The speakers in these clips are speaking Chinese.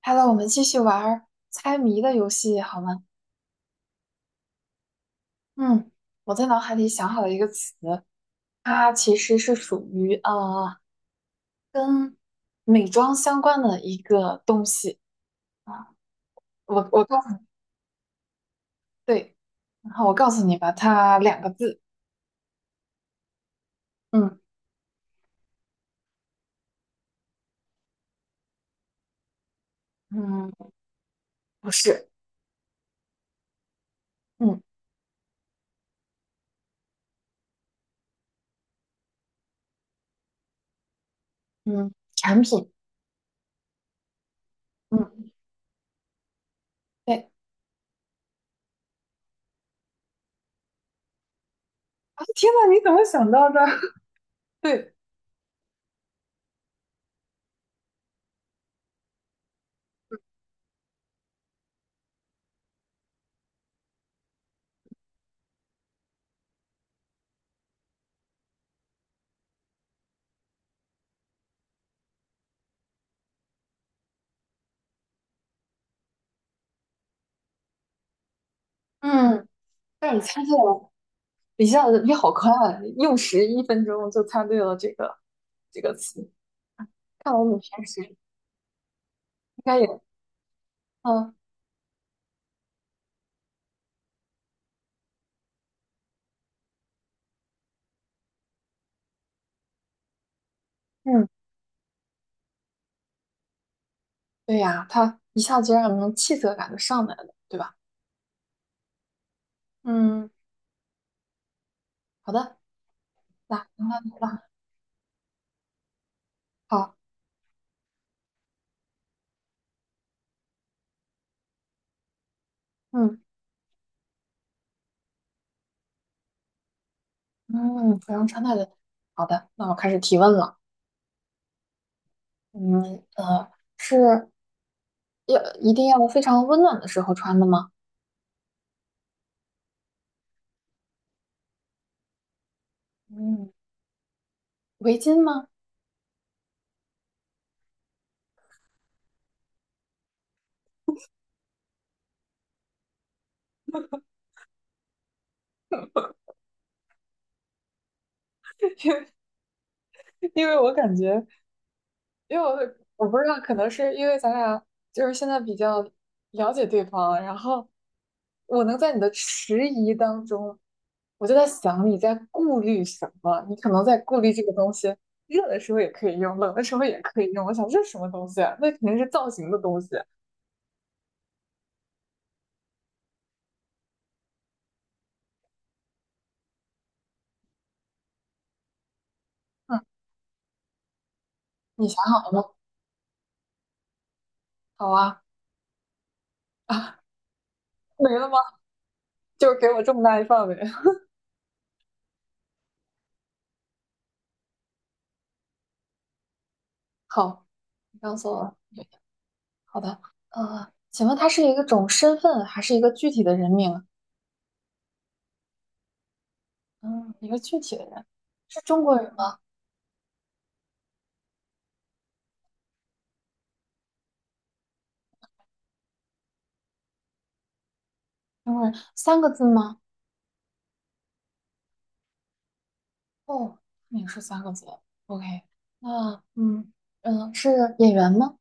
好了，我们继续玩儿猜谜的游戏好吗？嗯，我在脑海里想好了一个词，它其实是属于跟美妆相关的一个东西啊。我告诉你。对，然后我告诉你吧，它两个字。嗯嗯，不是。嗯嗯，产品。嗯，对。啊，天呐，你怎么想到的？对。嗯，但是你猜对了，一下子你好快啊，用时1分钟就猜对了这个词。看我鲁山时应该也，嗯嗯，对呀，他一下子就让人气色感就上来了，对吧？嗯，好的。那那那好。嗯嗯，服装穿戴的。好的，那我开始提问了。嗯，是要一定要非常温暖的时候穿的吗？嗯，围巾吗？因为我感觉，因为我不知道，可能是因为咱俩就是现在比较了解对方，然后我能在你的迟疑当中，我就在想你在顾虑什么，你可能在顾虑这个东西，热的时候也可以用，冷的时候也可以用。我想这是什么东西啊，那肯定是造型的东西。嗯，你想好了吗？好啊。啊，没了吗？就是给我这么大一范围。好，你告诉我。好的。请问它是一个种身份还是一个具体的人名啊？嗯，一个具体的人，是中国人吗？中国人，三个字吗？哦，也是三个字。OK，那嗯嗯，是演员吗？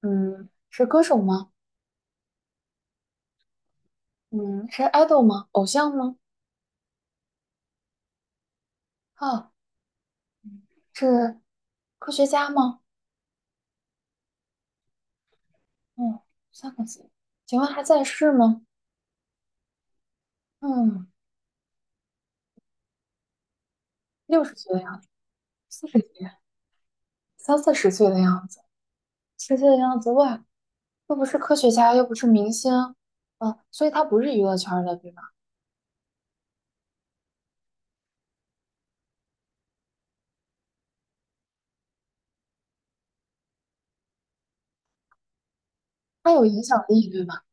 嗯，是歌手吗？嗯，是 idol 吗？偶像吗？啊，嗯是科学家吗？嗯，三个字。请问还在世吗？嗯，60岁的样子，40几，三四十岁的样子，四十岁的样子。哇，又不是科学家，又不是明星，啊，所以他不是娱乐圈的，对吧？他有影响力，对吧？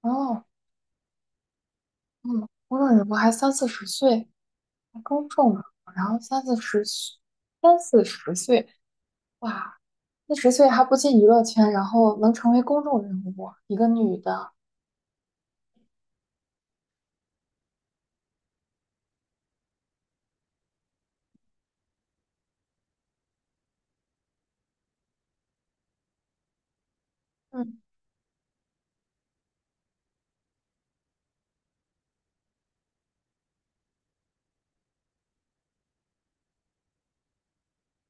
哦，嗯，我感觉我还三四十岁，公众，中呢，然后三四十岁，三四十岁。哇，四十岁还不进娱乐圈，然后能成为公众人物，一个女的。嗯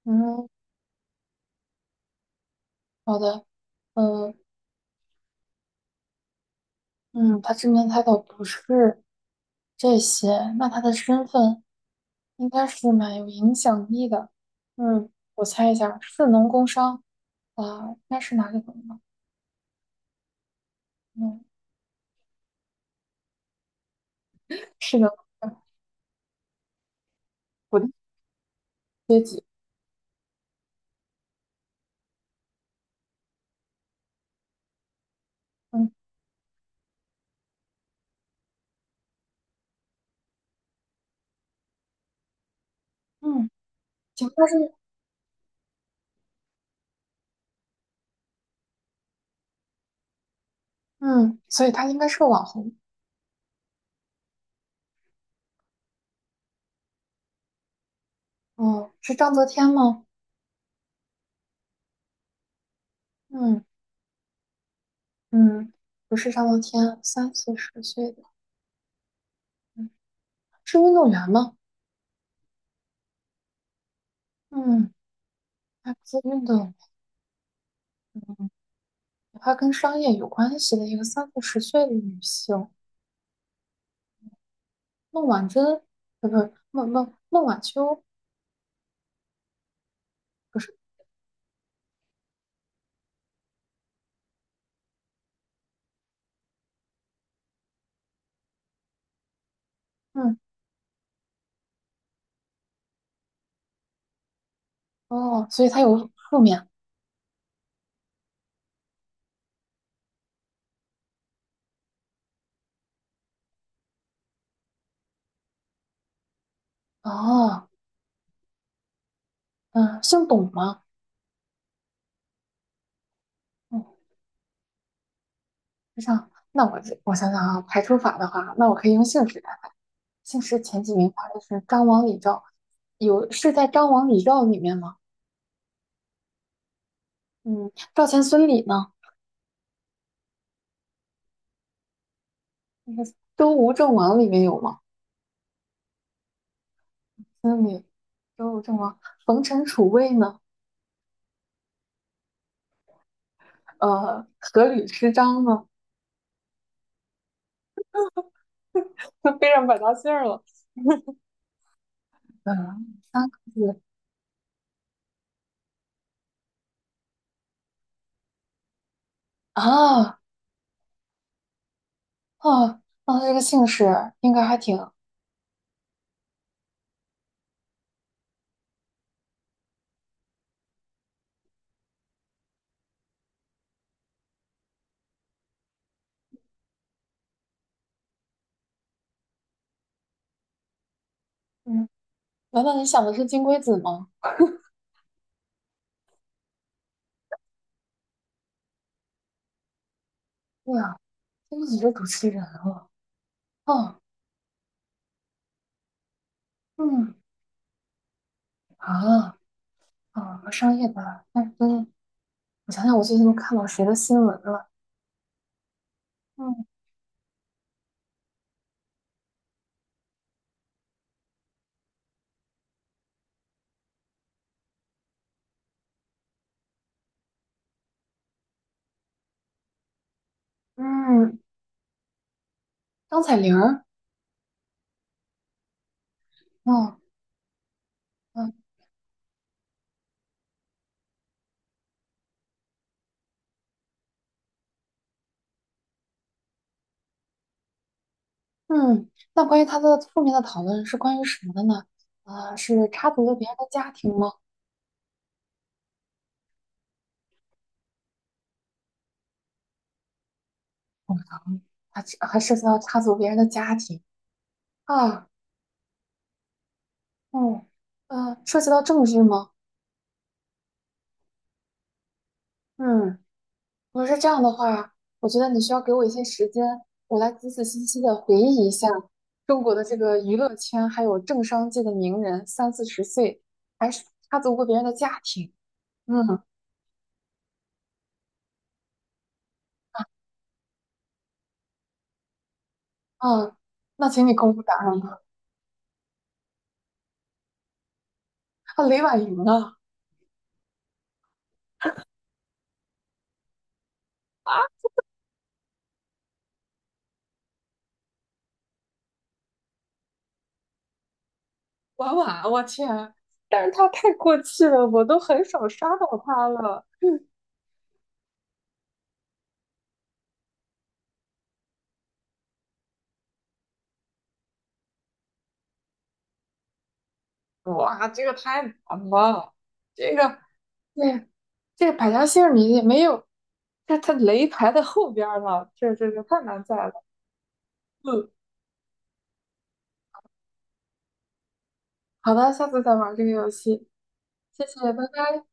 嗯，好的。嗯嗯，他知名态倒不是这些，那他的身份应该是蛮有影响力的。嗯，我猜一下，士农工商，啊、应该是哪里的呢？嗯，是的，阶级。嗯嗯，行，他是嗯，所以他应该是个网红。哦，是章泽天吗？嗯嗯，不是章泽天，三四十岁的。嗯，是运动员吗？嗯，她不是运动员，她跟商业有关系的一个三四十岁的女性，孟晚舟，不不，孟晚秋，不是。嗯哦，所以她有负面。哦，嗯，姓董吗？嗯，是这样，那我想想啊，排除法的话，那我可以用姓氏来排。姓氏前几名发的是张王李赵，有是在张王李赵里面吗？嗯，赵钱孙李呢？那个周吴郑王里面有吗？孙李、周吴郑王、冯陈楚卫呢？呃，阖闾吃张呢？都背上百家姓儿了。嗯，三个字啊啊，那这个姓氏应该还挺……嗯，难道你想的是金龟子吗？对啊，金龟子是主持人了。哦，嗯啊啊，上夜班，但是。我想想，我最近都看到谁的新闻了？嗯嗯，张彩玲儿。哦嗯嗯，那关于她的负面的讨论是关于什么的呢？啊、是插足了别人的家庭吗？嗯，还是还涉及到插足别人的家庭啊？嗯，涉及到政治吗？嗯，如果是这样的话，我觉得你需要给我一些时间，我来仔仔细细的回忆一下中国的这个娱乐圈还有政商界的名人，三四十岁还是插足过别人的家庭。嗯嗯，那请你公布答案吧。啊，雷婉莹啊。啊，婉婉，我天！但是他太过气了，我都很少刷到他了。嗯哇，这个太难了，这个对，这个百家姓儿你也没有，这他雷排在后边儿了，这太难在了。嗯，好的，下次再玩这个游戏，谢谢，拜拜。